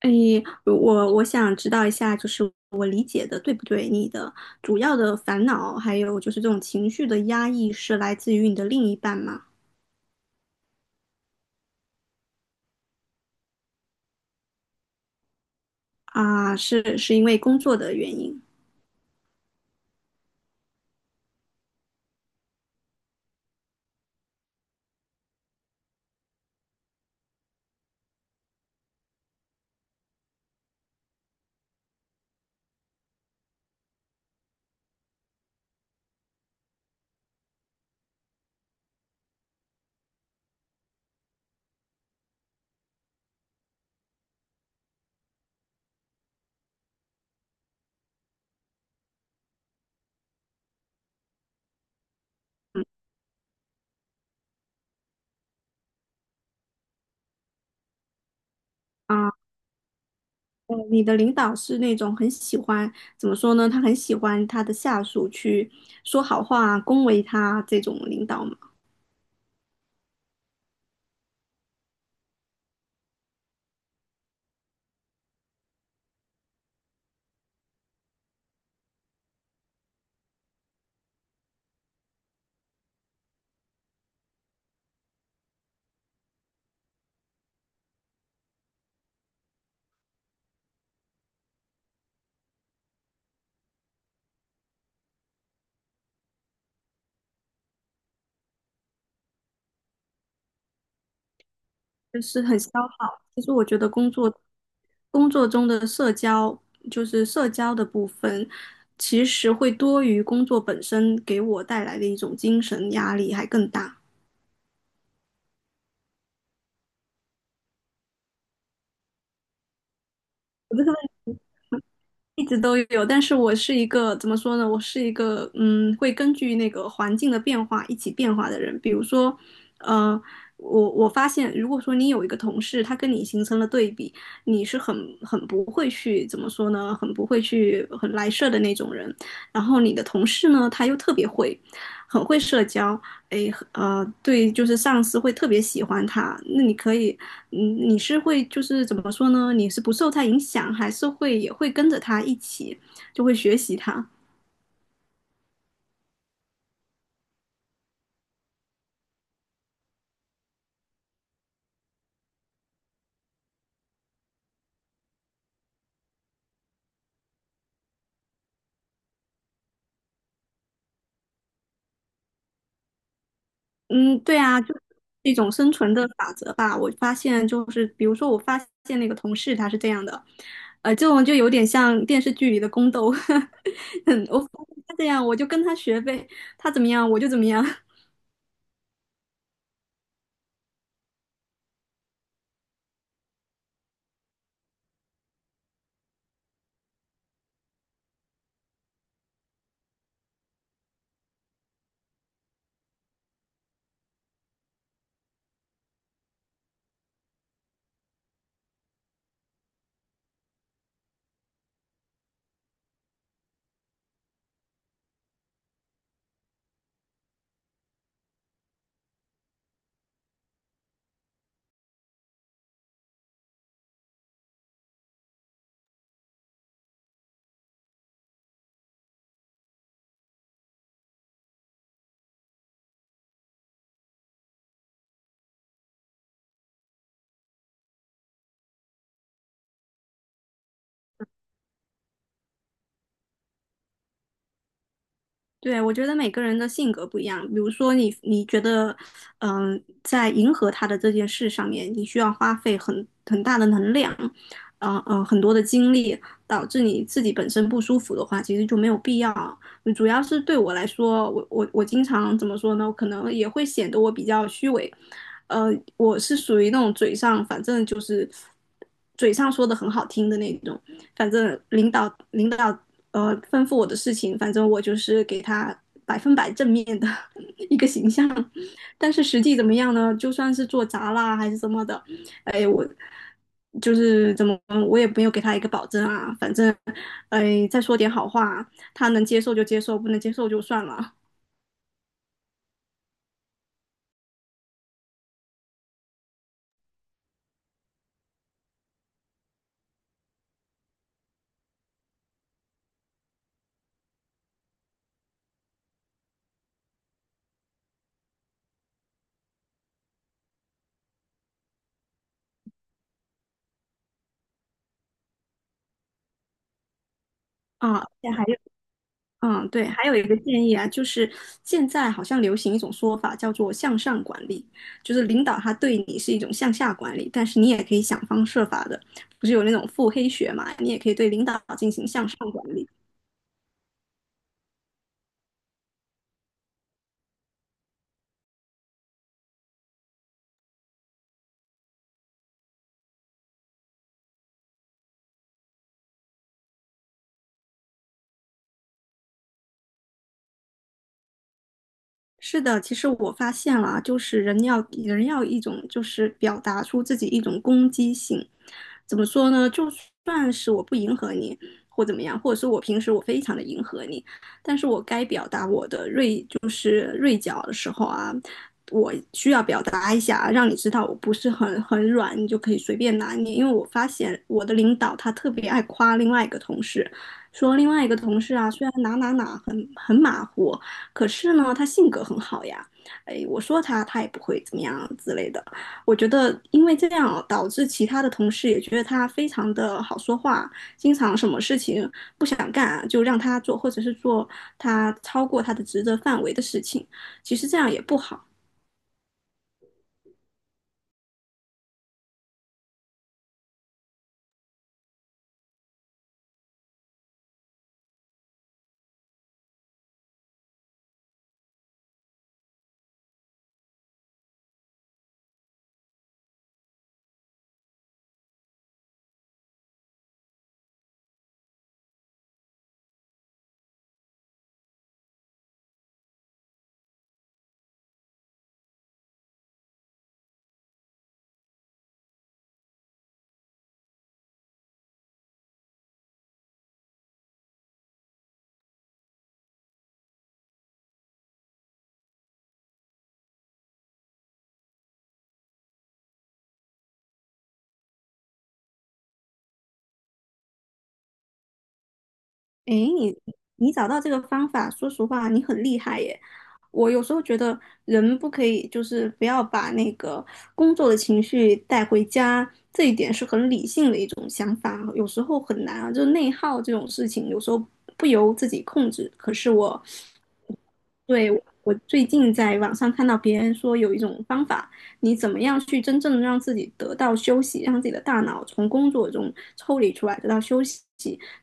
哎，我想知道一下，就是我理解的对不对？你的主要的烦恼，还有就是这种情绪的压抑，是来自于你的另一半吗？啊，是因为工作的原因啊？你的领导是那种很喜欢，怎么说呢？他很喜欢他的下属去说好话、恭维他这种领导吗？就是很消耗。其实我觉得工作中的社交，就是社交的部分，其实会多于工作本身给我带来的一种精神压力还更大。我这一直都有，但是我是一个怎么说呢？我是一个会根据那个环境的变化一起变化的人。比如说，呃，我发现，如果说你有一个同事，他跟你形成了对比，你是很很不会去怎么说呢？很不会去很来事儿的那种人。然后你的同事呢，他又特别会，很会社交，诶，对，就是上司会特别喜欢他。那你可以。嗯，你是会就是怎么说呢？你是不受他影响，还是会也会跟着他一起，就会学习他。嗯，对啊，就是一种生存的法则吧。我发现就是，比如说我发现那个同事他是这样的，这种就有点像电视剧里的宫斗，嗯，我发现他这样，我就跟他学呗，他怎么样我就怎么样。对，我觉得每个人的性格不一样。比如说你，你觉得，在迎合他的这件事上面，你需要花费很很大的能量，很多的精力，导致你自己本身不舒服的话，其实就没有必要。嗯主要是对我来说，我经常怎么说呢？我可能也会显得我比较虚伪。呃，我是属于那种嘴上，反正就是嘴上说的很好听的那种，反正领导吩咐我的事情，反正我就是给他100%正面的 一个形象。但是实际怎么样呢？就算是做砸啦还是什么的，哎，我就是怎么我也没有给他一个保证啊。反正哎，再说点好话，他能接受就接受，不能接受就算了啊。现在还有对，还有一个建议啊，就是现在好像流行一种说法叫做向上管理，就是领导他对你是一种向下管理，但是你也可以想方设法的，不是有那种腹黑学嘛，你也可以对领导进行向上管理，是的，其实我发现了啊，就是人要一种，就是表达出自己一种攻击性。怎么说呢？就算是我不迎合你，或怎么样，或者是我平时我非常的迎合你，但是我该表达我的锐，就是锐角的时候啊，我需要表达一下，让你知道我不是很很软，你就可以随便拿捏。因为我发现我的领导他特别爱夸另外一个同事，说另外一个同事啊，虽然哪哪哪很很马虎，可是呢，他性格很好呀。哎，我说他，他也不会怎么样之类的。我觉得，因为这样导致其他的同事也觉得他非常的好说话，经常什么事情不想干就让他做，或者是做他超过他的职责范围的事情。其实这样也不好。哎，你找到这个方法，说实话，你很厉害耶。我有时候觉得人不可以，就是不要把那个工作的情绪带回家，这一点是很理性的一种想法啊，有时候很难啊，就是内耗这种事情，有时候不由自己控制。可是我，对，我最近在网上看到别人说有一种方法，你怎么样去真正的让自己得到休息，让自己的大脑从工作中抽离出来，得到休息，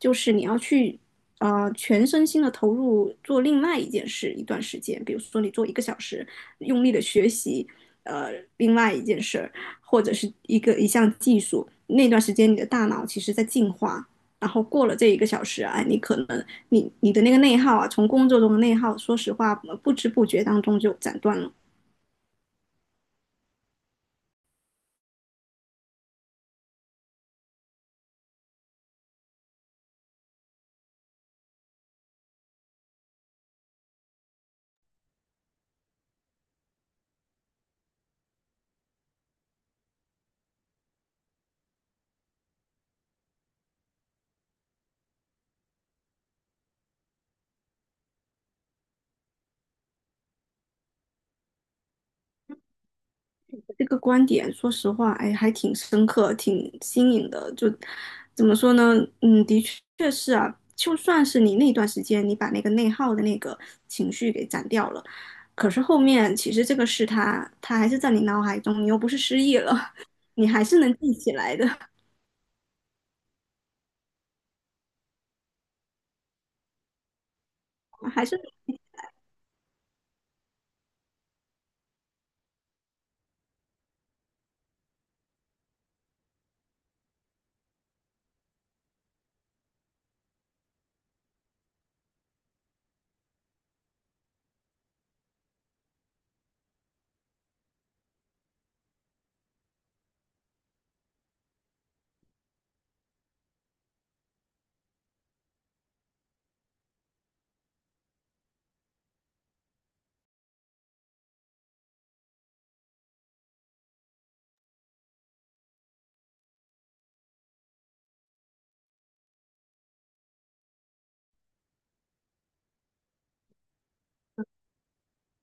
就是你要去。全身心的投入做另外一件事一段时间，比如说你做一个小时，用力的学习，呃，另外一件事儿，或者是一个一项技术，那段时间你的大脑其实在进化，然后过了这1个小时啊，你可能你的那个内耗啊，从工作中的内耗，说实话不知不觉当中就斩断了。这个观点，说实话，哎，还挺深刻，挺新颖的。就怎么说呢？嗯，的确是啊。就算是你那段时间，你把那个内耗的那个情绪给斩掉了，可是后面其实这个事它，它还是在你脑海中，你又不是失忆了，你还是能记起来的，还是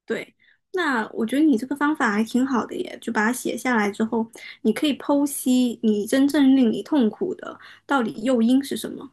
对。那我觉得你这个方法还挺好的耶，就把它写下来之后，你可以剖析你真正令你痛苦的到底诱因是什么。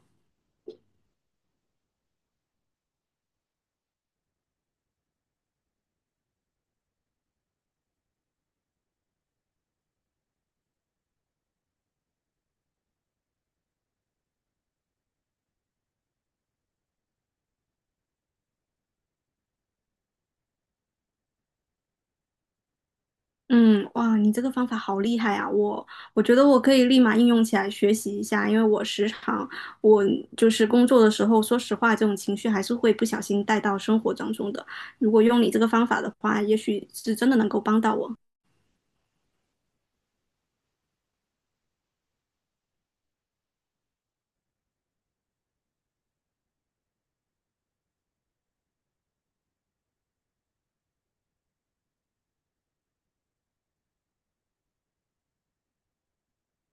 嗯，哇，你这个方法好厉害啊！我觉得我可以立马应用起来学习一下，因为我时常我就是工作的时候，说实话，这种情绪还是会不小心带到生活当中的。如果用你这个方法的话，也许是真的能够帮到我。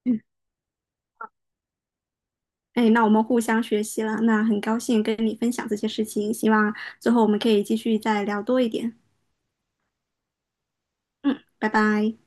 嗯，哎，那我们互相学习了，那很高兴跟你分享这些事情，希望之后我们可以继续再聊多一点。嗯，拜拜。